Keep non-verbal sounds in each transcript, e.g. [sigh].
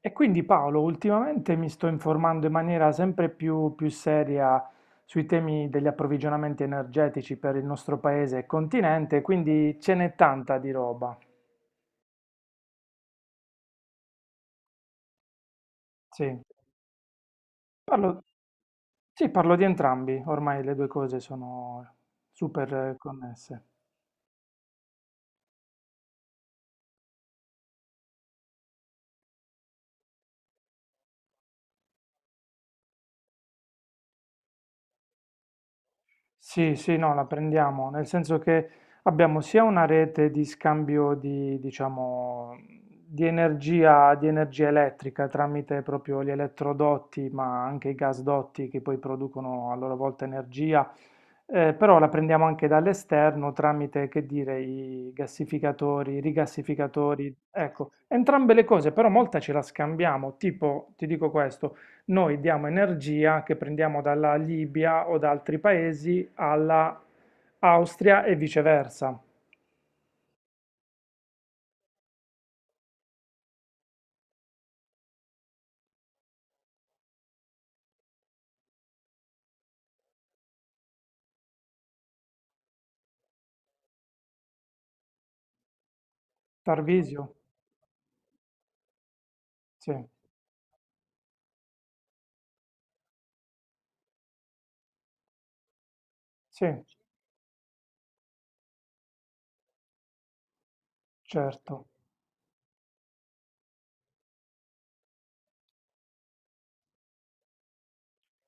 E quindi Paolo, ultimamente mi sto informando in maniera sempre più seria sui temi degli approvvigionamenti energetici per il nostro paese e continente, quindi ce n'è tanta di roba. Sì, parlo, sì, parlo di entrambi, ormai le due cose sono super connesse. Sì, sì, no, la prendiamo, nel senso che abbiamo sia una rete di scambio di, diciamo, di energia elettrica tramite proprio gli elettrodotti, ma anche i gasdotti che poi producono a loro volta energia, però la prendiamo anche dall'esterno tramite, che dire, i gassificatori, i rigassificatori, ecco, entrambe le cose, però molta ce la scambiamo, tipo, ti dico questo noi diamo energia che prendiamo dalla Libia o da altri paesi alla Austria e viceversa. Tarvisio? Sì, sì, certo,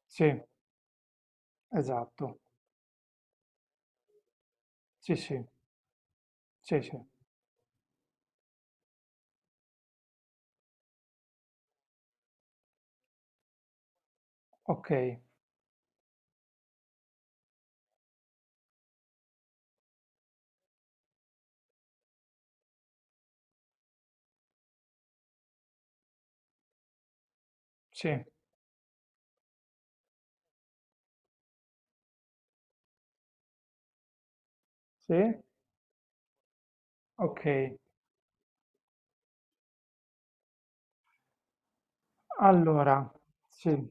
sì, esatto, sì, sì, sì, sì, ok, sì, sì, ok. Allora, sì,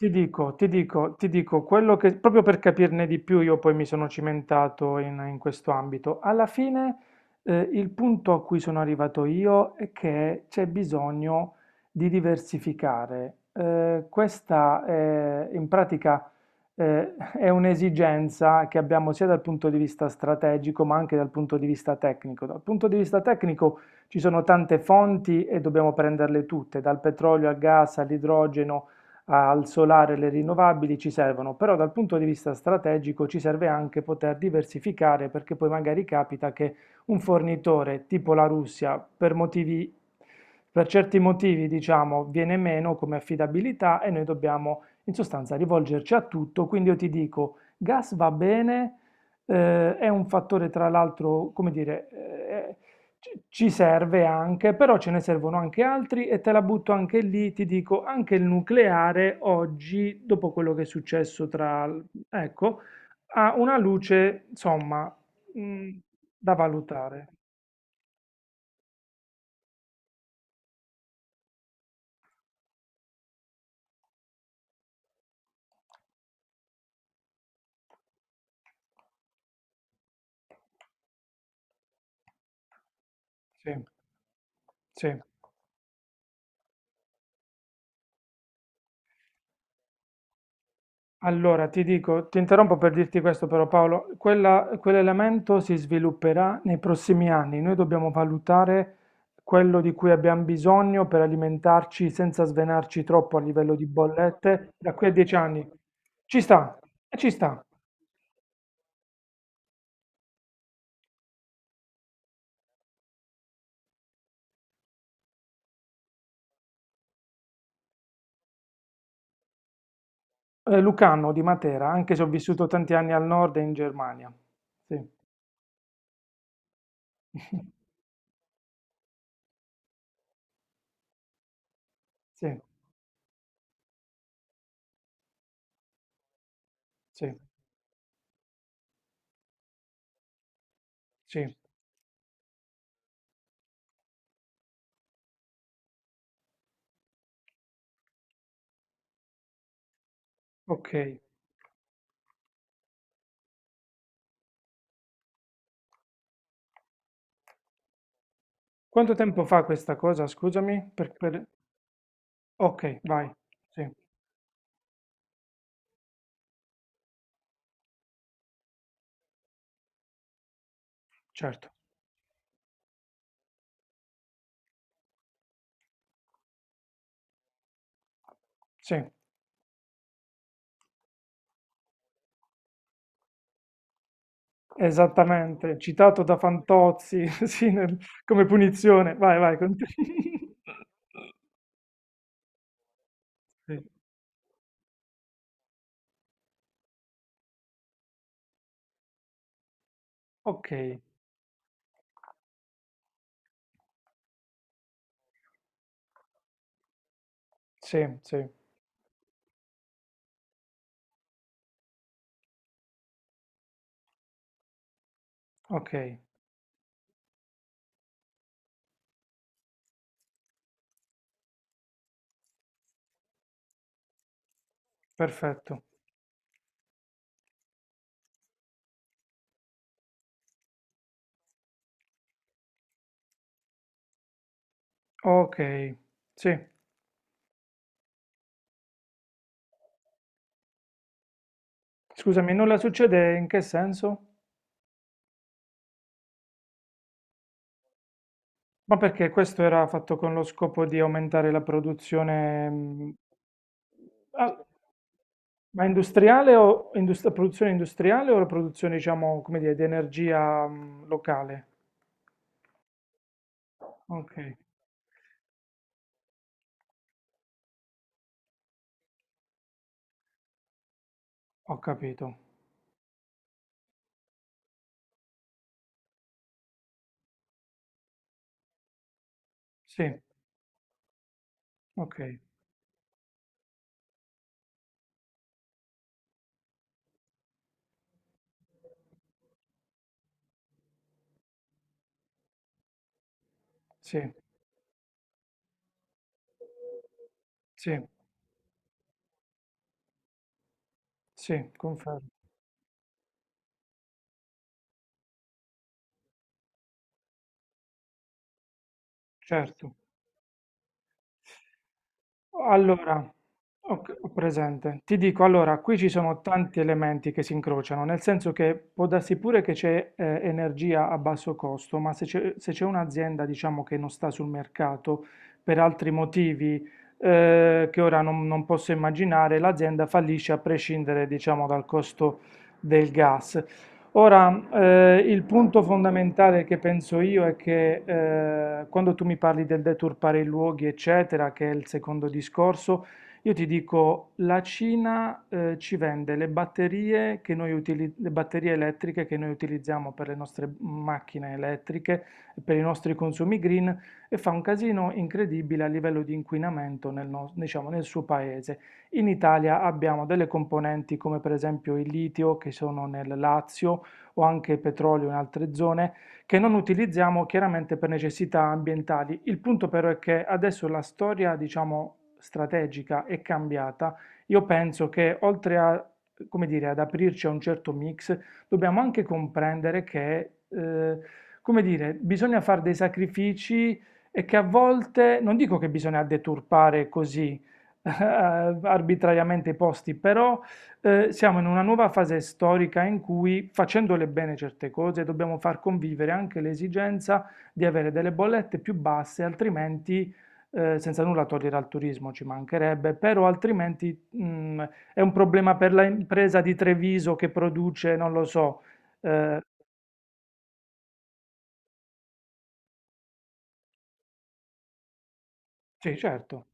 ti dico, quello che, proprio per capirne di più, io poi mi sono cimentato in questo ambito. Alla fine, il punto a cui sono arrivato io è che c'è bisogno di diversificare. Questa è, in pratica, è un'esigenza che abbiamo sia dal punto di vista strategico, ma anche dal punto di vista tecnico. Dal punto di vista tecnico ci sono tante fonti e dobbiamo prenderle tutte, dal petrolio al gas all'idrogeno al solare e le rinnovabili ci servono, però dal punto di vista strategico ci serve anche poter diversificare perché poi magari capita che un fornitore tipo la Russia per motivi, per certi motivi diciamo viene meno come affidabilità e noi dobbiamo in sostanza rivolgerci a tutto, quindi io ti dico gas va bene, è un fattore tra l'altro, come dire, eh, ci serve anche, però ce ne servono anche altri e te la butto anche lì, ti dico, anche il nucleare oggi, dopo quello che è successo tra... ecco, ha una luce, insomma, mh, da valutare. Sì, sì. Allora, ti dico, ti interrompo per dirti questo però Paolo, quell'elemento si svilupperà nei prossimi anni, noi dobbiamo valutare quello di cui abbiamo bisogno per alimentarci senza svenarci troppo a livello di bollette da qui a dieci anni. Ci sta, ci sta. Lucano di Matera, anche se ho vissuto tanti anni al nord e in Germania. Sì, [laughs] sì, sì, sì. Ok. Quanto tempo fa questa cosa, scusami? Ok, vai. Sì, certo. Sì, esattamente, citato da Fantozzi, [laughs] come punizione. Vai, vai, continua. [laughs] Sì. Ok, sì, sì, ok, perfetto. Ok, sì. Scusami, nulla succede in che senso? Ma perché questo era fatto con lo scopo di aumentare la produzione, ah, ma la produzione industriale o la produzione, diciamo, come dire, di energia, locale? Ok. Ho capito. Sì, ok, sì, sì, sì, confermo, certo. Allora, ho presente. Ti dico, allora, qui ci sono tanti elementi che si incrociano, nel senso che può darsi pure che c'è energia a basso costo, ma se c'è un'azienda, diciamo, che non sta sul mercato per altri motivi che ora non posso immaginare, l'azienda fallisce a prescindere, diciamo, dal costo del gas. Ora, il punto fondamentale che penso io è che quando tu mi parli del deturpare i luoghi, eccetera, che è il secondo discorso, io ti dico, la Cina ci vende le batterie, che le batterie elettriche che noi utilizziamo per le nostre macchine elettriche, per i nostri consumi green, e fa un casino incredibile a livello di inquinamento diciamo, nel suo paese. In Italia abbiamo delle componenti come per esempio il litio che sono nel Lazio o anche petrolio in altre zone, che non utilizziamo chiaramente per necessità ambientali. Il punto però è che adesso la storia, diciamo, strategica è cambiata. Io penso che oltre a, come dire, ad aprirci a un certo mix, dobbiamo anche comprendere che, come dire, bisogna fare dei sacrifici e che a volte, non dico che bisogna deturpare così [laughs] eh, arbitrariamente i posti, però siamo in una nuova fase storica in cui, facendole bene certe cose, dobbiamo far convivere anche l'esigenza di avere delle bollette più basse, altrimenti, senza nulla togliere al turismo, ci mancherebbe, però altrimenti, è un problema per l'impresa di Treviso che produce, non lo so. Eh, sì, certo,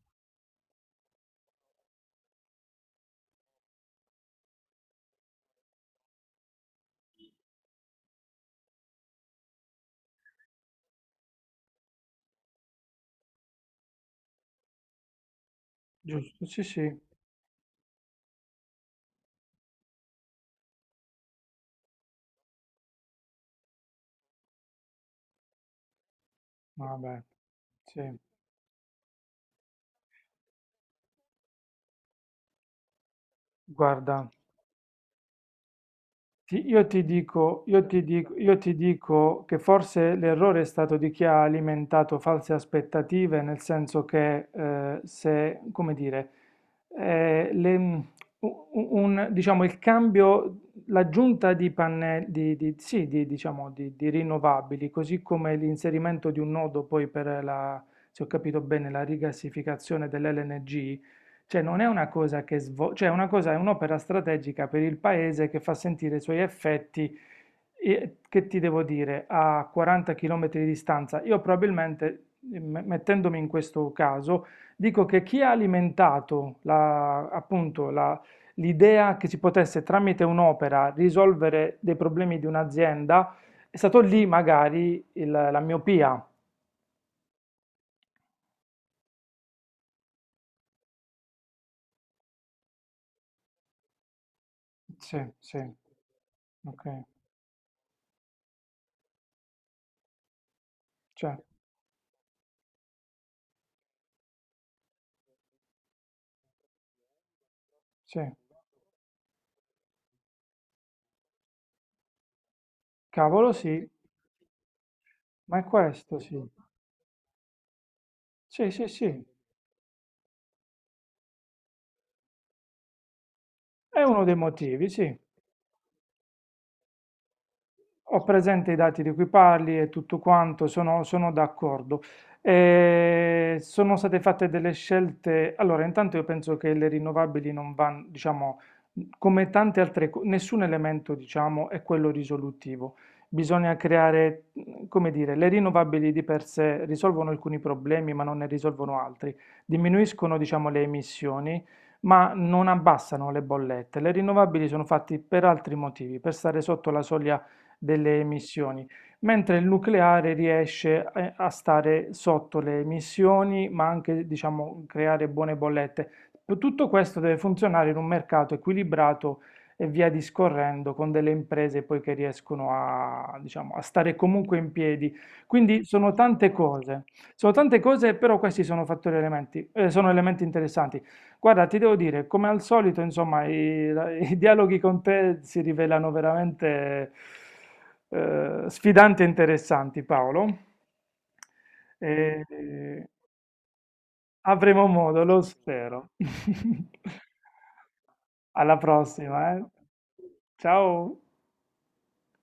giusto, sì, sì, vabbè, sì, guarda. Io ti dico, io ti dico, io ti dico che forse l'errore è stato di chi ha alimentato false aspettative, nel senso che se, come dire, eh, le- diciamo, il cambio, l'aggiunta di pannelli, sì, di, diciamo, di rinnovabili, così come l'inserimento di un nodo poi per la, se ho capito bene, la rigassificazione dell'LNG, cioè non è una cosa che svolge, cioè è una cosa, è un'opera strategica per il paese che fa sentire i suoi effetti, che ti devo dire, a 40 km di distanza. Io probabilmente, mettendomi in questo caso, dico che chi ha alimentato appunto l'idea che si potesse tramite un'opera risolvere dei problemi di un'azienda, è stato lì magari la miopia. Sì, sì, ok, cioè, sì, cavolo sì. Ma è questo, sì. Sì, sì, sì. È uno dei motivi, sì. Ho presente i dati di cui parli e tutto quanto, sono d'accordo. Sono state fatte delle scelte. Allora, intanto io penso che le rinnovabili non vanno, diciamo, come tante altre cose, nessun elemento, diciamo, è quello risolutivo. Bisogna creare, come dire, le rinnovabili di per sé risolvono alcuni problemi, ma non ne risolvono altri. Diminuiscono, diciamo, le emissioni ma non abbassano le bollette. Le rinnovabili sono fatte per altri motivi, per stare sotto la soglia delle emissioni, mentre il nucleare riesce a stare sotto le emissioni, ma anche, diciamo, creare buone bollette. Tutto questo deve funzionare in un mercato equilibrato e via discorrendo con delle imprese poi che riescono a, diciamo, a stare comunque in piedi. Quindi sono tante cose, però questi sono fattori elementi, sono elementi interessanti. Guarda, ti devo dire, come al solito, insomma, i [laughs] dialoghi con te si rivelano veramente sfidanti e interessanti, Paolo. E, eh, avremo modo, lo spero. [laughs] Alla prossima, eh. Ciao.